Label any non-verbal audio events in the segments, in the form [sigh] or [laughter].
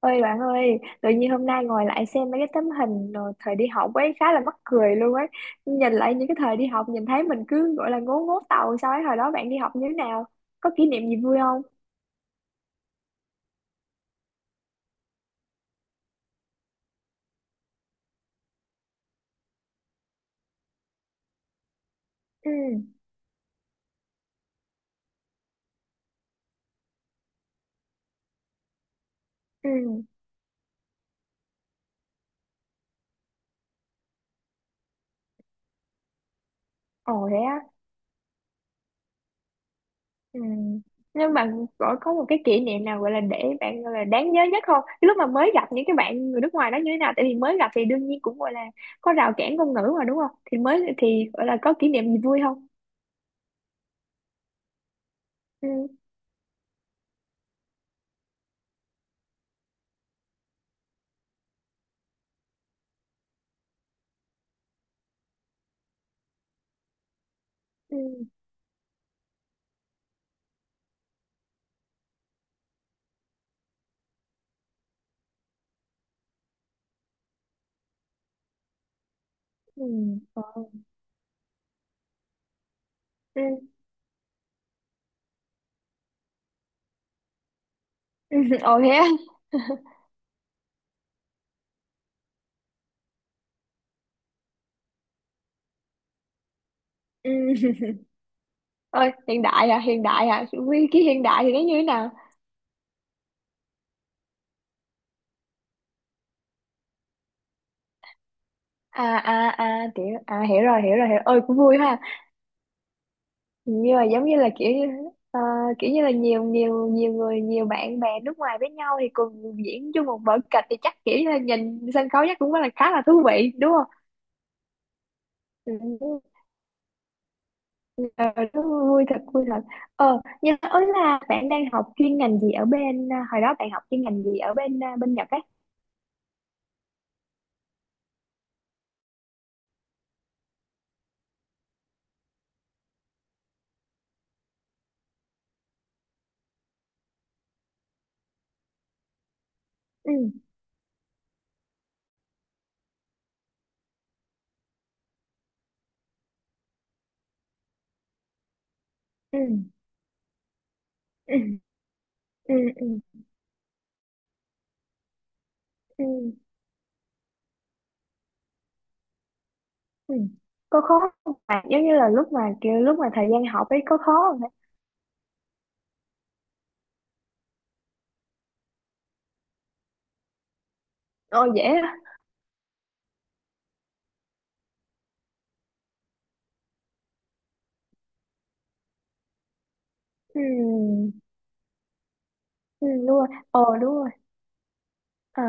Ơi bạn ơi, tự nhiên hôm nay ngồi lại xem mấy cái tấm hình rồi thời đi học ấy khá là mắc cười luôn ấy. Nhìn lại những cái thời đi học nhìn thấy mình cứ gọi là ngố ngố tàu sao ấy, hồi đó bạn đi học như thế nào? Có kỷ niệm gì vui không? Ừ, ừ, ồ thế á. Ừ. Nhưng mà gọi có một cái kỷ niệm nào gọi là để bạn gọi là đáng nhớ nhất không? Cái lúc mà mới gặp những cái bạn người nước ngoài đó như thế nào? Tại vì mới gặp thì đương nhiên cũng gọi là có rào cản ngôn ngữ mà đúng không? Thì mới thì gọi là có kỷ niệm gì vui không? Ừ, ừ, ừ. ờ, ừ. [laughs] Ừ, ồ thế á. Ừ. Ôi, hiện đại à, hiện đại à, cái hiện đại thì nó như thế nào? À à à, kiểu à, hiểu rồi, hiểu rồi, hiểu ơi, cũng vui ha. Nhưng mà giống như là kiểu như, ờ, kiểu như là nhiều nhiều nhiều người, nhiều bạn bè nước ngoài với nhau thì cùng diễn chung một vở kịch thì chắc kiểu như là nhìn sân khấu chắc cũng rất là khá là thú vị đúng không? Ừ, ờ, nó vui thật, vui thật. Nhưng mà ấy là bạn đang học chuyên ngành gì ở bên hồi đó bạn học chuyên ngành gì ở bên bên Nhật ấy? Ừ, ừ, ừ. Ừ, ừ, ừ, ừ. Có khó không bạn? Giống như là lúc mà kiểu lúc mà thời gian học ấy có khó không hả? Ồ dễ á. Ừ, ừ đúng rồi, ồ đúng rồi. Ờ,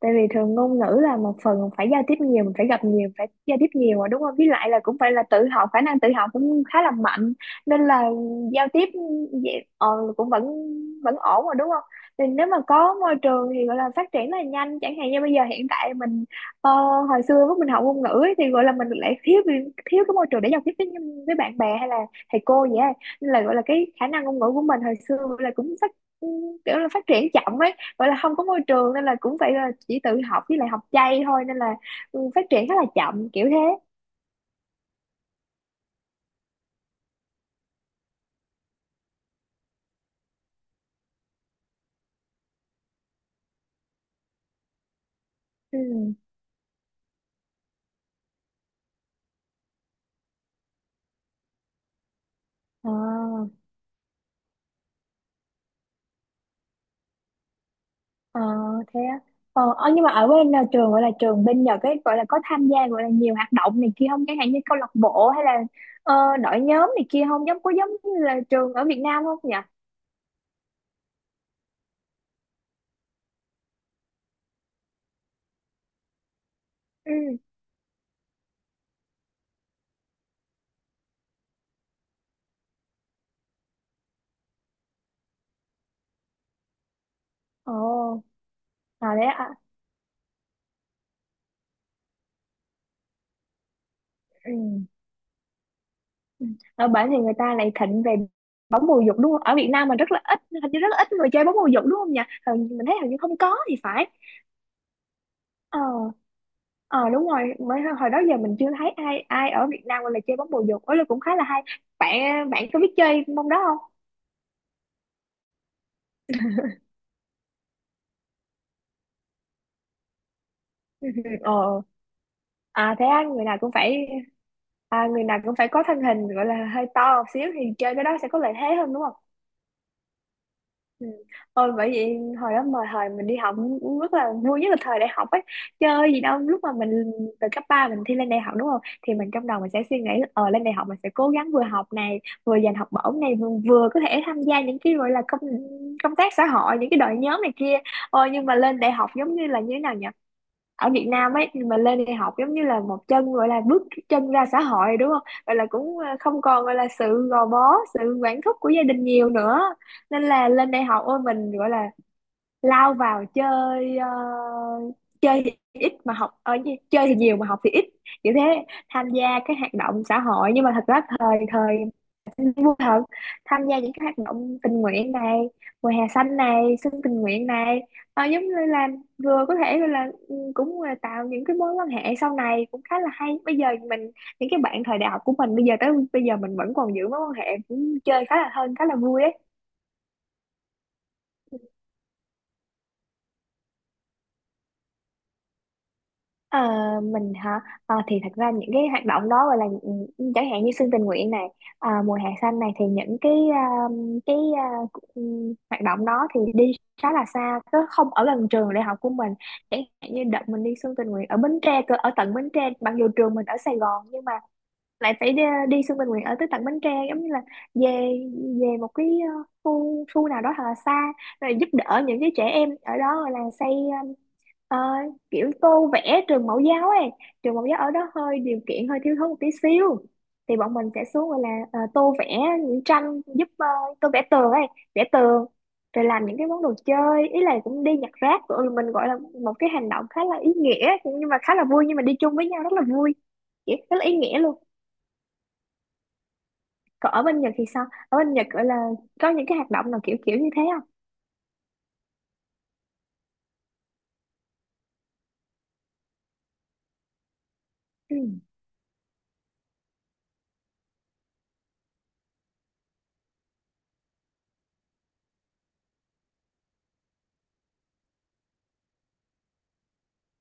tại vì thường ngôn ngữ là một phần mình phải giao tiếp nhiều, mình phải gặp nhiều, phải giao tiếp nhiều mà đúng không? Với lại là cũng phải là tự học, khả năng tự học cũng khá là mạnh nên là giao tiếp vậy, cũng vẫn vẫn ổn mà đúng không? Thì nếu mà có môi trường thì gọi là phát triển rất là nhanh, chẳng hạn như bây giờ hiện tại mình ờ, hồi xưa lúc mình học ngôn ngữ ấy, thì gọi là mình lại thiếu thiếu cái môi trường để giao tiếp với bạn bè hay là thầy cô vậy á. Nên là gọi là cái khả năng ngôn ngữ của mình hồi xưa là cũng phát kiểu là phát triển chậm ấy, gọi là không có môi trường nên là cũng phải là chỉ tự học với lại học chay thôi nên là ừ, phát triển khá là chậm kiểu thế. Ừ. Ờ, ờ, thế á. Ờ, ờ, nhưng mà ở bên là trường, gọi là trường bên Nhật ấy, gọi là có tham gia gọi là nhiều hoạt động này kia không, chẳng hạn như câu lạc bộ hay là ờ, đội nhóm này kia không, giống có giống như là trường ở Việt Nam không nhỉ? Ừ, ồ, à đấy ạ. Ừ. Ừ. Ở bển thì người ta lại thịnh về bóng bầu dục đúng không? Ở Việt Nam mà rất là ít, hình như rất là ít người chơi bóng bầu dục đúng không nhỉ? Mình thấy hình như không có thì phải. Ờ, ờ đúng rồi, mới hồi đó giờ mình chưa thấy ai, ai ở Việt Nam gọi là chơi bóng bầu dục ấy, là cũng khá là hay. Bạn Bạn có biết chơi môn đó không? [laughs] Ừ, ờ à thế á, người nào cũng phải người nào cũng phải có thân hình gọi là hơi to một xíu thì chơi cái đó sẽ có lợi thế hơn đúng không? Ừ. Ôi bởi vậy hồi đó mà thời mình đi học cũng rất là vui, nhất là thời đại học ấy, chơi gì đâu lúc mà mình từ cấp 3 mình thi lên đại học đúng không, thì mình trong đầu mình sẽ suy nghĩ là, ờ lên đại học mình sẽ cố gắng vừa học này, vừa giành học bổng này, vừa, vừa có thể tham gia những cái gọi là công công tác xã hội, những cái đội nhóm này kia. Ôi nhưng mà lên đại học giống như là như thế nào nhỉ, ở Việt Nam ấy mà lên đại học giống như là một chân gọi là bước chân ra xã hội đúng không? Gọi là cũng không còn gọi là sự gò bó, sự quản thúc của gia đình nhiều nữa. Nên là lên đại học ôi mình gọi là lao vào chơi, chơi thì ít mà học ở chơi thì nhiều mà học thì ít. Kiểu thế, tham gia các hoạt động xã hội, nhưng mà thật ra thời thời vui thật, tham gia những cái hoạt động tình nguyện này, mùa hè xanh này, xuân tình nguyện này. Ờ, giống như là vừa có thể gọi là ừ, cũng là tạo những cái mối quan hệ sau này cũng khá là hay, bây giờ mình những cái bạn thời đại học của mình bây giờ tới bây giờ mình vẫn còn giữ mối quan hệ cũng chơi khá là thân, khá là vui ấy. Ờ, mình hả? Ờ, thì thật ra những cái hoạt động đó gọi là những- chẳng hạn như xuân tình nguyện này, mùa hè xanh này thì những cái hoạt động đó thì đi khá là xa cứ không ở gần trường đại học của mình, chẳng hạn như đợt mình đi xuân tình nguyện ở Bến Tre cơ, ở tận Bến Tre mặc dù trường mình ở Sài Gòn nhưng mà lại phải đi, đi Xuân Bình Nguyễn ở tới tận Bến Tre giống như là về về một cái khu, khu nào đó thật là xa, rồi giúp đỡ những cái trẻ em ở đó rồi là xây ờ, ờ, kiểu tô vẽ trường mẫu giáo ấy, trường mẫu giáo ở đó hơi điều kiện hơi thiếu thốn một tí xíu thì bọn mình sẽ xuống gọi là tô vẽ những tranh giúp, tô vẽ tường ấy, vẽ tường, rồi làm những cái món đồ chơi, ý là cũng đi nhặt rác rồi mình gọi là một cái hành động khá là ý nghĩa nhưng mà khá là vui, nhưng mà đi chung với nhau rất là vui vậy, rất là ý nghĩa luôn. Còn ở bên Nhật thì sao? Ở bên Nhật gọi là có những cái hoạt động nào kiểu kiểu như thế không? Ừ.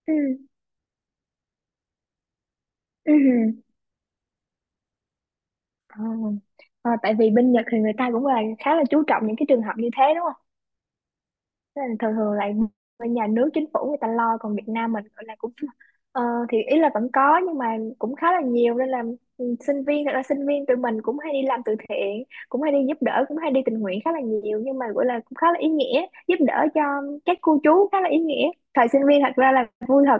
Ừ. Ừ. Ờ. Ờ, tại vì bên Nhật thì người ta cũng là khá là chú trọng những cái trường hợp như thế đúng. Thế là thường thường lại bên nhà nước chính phủ người ta lo, còn Việt Nam mình gọi là cũng [laughs] ờ, thì ý là vẫn có nhưng mà cũng khá là nhiều nên là ừ, sinh viên thật ra sinh viên tụi mình cũng hay đi làm từ thiện, cũng hay đi giúp đỡ, cũng hay đi tình nguyện khá là nhiều nhưng mà gọi là cũng khá là ý nghĩa, giúp đỡ cho các cô chú khá là ý nghĩa, thời sinh viên thật ra là vui thật.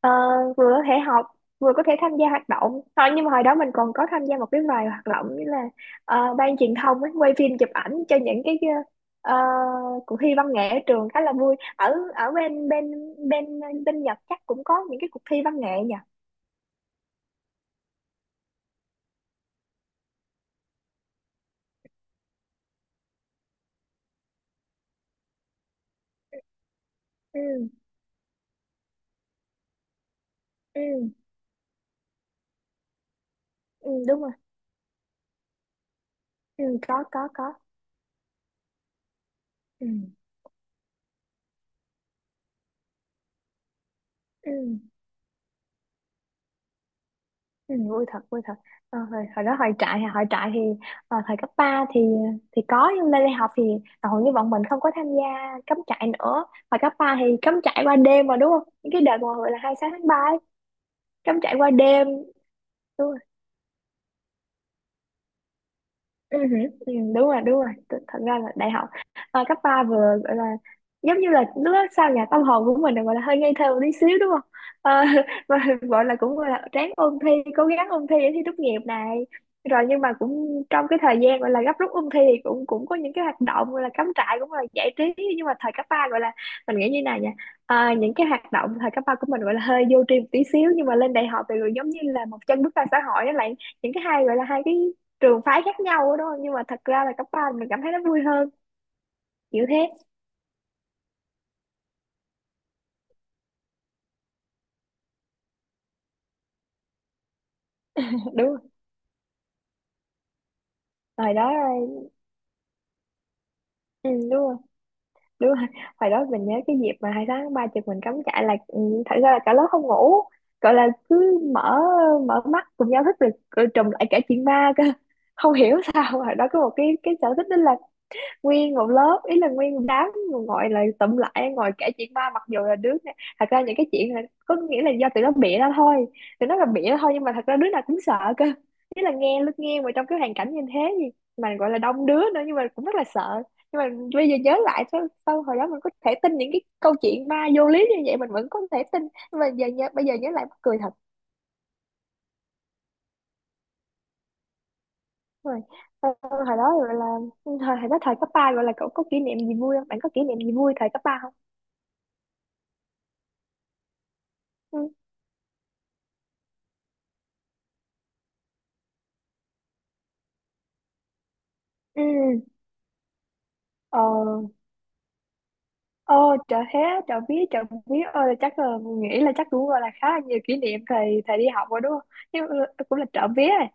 Ờ, vừa có thể học vừa có thể tham gia hoạt động thôi, nhưng mà hồi đó mình còn có tham gia một cái vài hoạt động như là ban truyền thông ấy, quay phim chụp ảnh cho những cái Ờ, cuộc thi văn nghệ ở trường khá là vui, ở ở bên bên bên Nhật chắc cũng có những cái cuộc thi văn nghệ nhỉ? Ừ, ừ, ừ đúng rồi, ừ có, ừ, ừ, ừ vui thật, vui thật. Ờ, hồi, hồi đó hồi trại, hồi trại thì thời cấp 3 thì có nhưng lên đại học thì hầu như bọn mình không có tham gia cắm trại nữa, hồi cấp 3 thì cắm trại qua đêm mà đúng không, những cái đợt mà gọi là 26 tháng 3 ấy, cắm trại qua đêm. Ừ, hử, ừ, đúng rồi đúng rồi. Thật ra là đại học cấp ba vừa gọi là giống như là lúc đó sao nhà tâm hồn của mình là gọi là hơi ngây thơ một tí xíu đúng không, à, [laughs] và gọi là cũng gọi là ráng ôn thi, cố gắng ôn thi để thi tốt nghiệp này rồi, nhưng mà cũng trong cái thời gian gọi là gấp rút ôn thi thì cũng cũng có những cái hoạt động gọi là cắm trại cũng là giải trí, nhưng mà thời cấp ba gọi là mình nghĩ như này nha, những cái hoạt động thời cấp ba của mình gọi là hơi vô tri một tí xíu, nhưng mà lên đại học thì rồi giống như là một chân bước ra xã hội đó lại, những cái hai gọi là hai cái trường phái khác nhau đó, nhưng mà thật ra là cấp ba mình cảm thấy nó vui hơn kiểu thế. [laughs] Đúng rồi. Hồi đó ừ, đúng rồi đúng rồi, hồi đó mình nhớ cái dịp mà 2 tháng 3 chụp mình cắm trại là ừ, thật ra là cả lớp không ngủ, gọi là cứ mở, mở mắt cùng nhau thức được rồi, trùm lại cả chuyện ma cơ. Không hiểu sao hồi đó có một cái sở thích đó là nguyên một lớp ý là nguyên một đám ngồi lại tụm lại ngồi kể chuyện ma, mặc dù là đứa này- thật ra những cái chuyện là có nghĩa là do tụi nó bịa ra thôi, tụi nó là bịa ra thôi nhưng mà thật ra đứa nào cũng sợ cơ, ý là nghe lúc nghe mà trong cái hoàn cảnh như thế gì mà gọi là đông đứa nữa nhưng mà cũng rất là sợ, nhưng mà bây giờ nhớ lại sao, sao hồi đó mình có thể tin những cái câu chuyện ma vô lý như vậy mình vẫn có thể tin, nhưng mà giờ nhớ, bây giờ nhớ lại mắc cười thật. Rồi hồi đó gọi là thời, hồi đó thời cấp ba gọi là cậu có kỷ niệm gì vui không, bạn có kỷ niệm gì vui thời cấp ba không? Ừ. Ừ. Ờ, ờ trời thế, trời biết ơi, là chắc là nghĩ là chắc cũng gọi là khá là nhiều kỷ niệm thầy thầy đi học rồi đúng không, nhưng mà cũng là trộm vía rồi,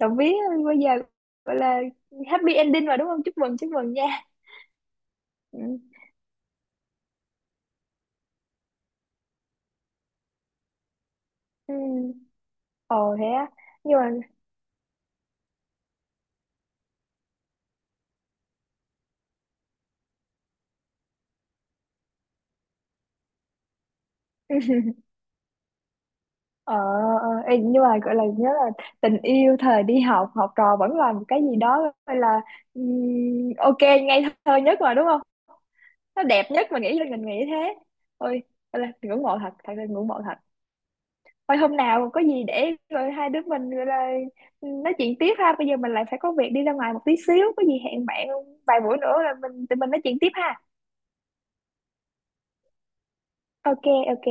trộm vía, bây giờ gọi là happy ending rồi đúng không, chúc mừng chúc mừng nha. Ừ. Ừ. Ờ thế á, nhưng mà [laughs] ờ, ờ, ê, nhưng mà gọi là nhớ là tình yêu thời đi học, học trò vẫn là một cái gì đó gọi là ok ngây thơ nhất mà đúng không, nó đẹp nhất mà, nghĩ là mình nghĩ thế. Ôi gọi là ngưỡng mộ thật, thật là ngưỡng mộ thật. Thôi hôm nào có gì để rồi hai đứa mình gọi là ừ, nói chuyện tiếp ha. Bây giờ mình lại phải có việc đi ra ngoài một tí xíu. Có gì hẹn bạn vài buổi nữa là mình tụi mình nói chuyện tiếp ha. Ok, ok.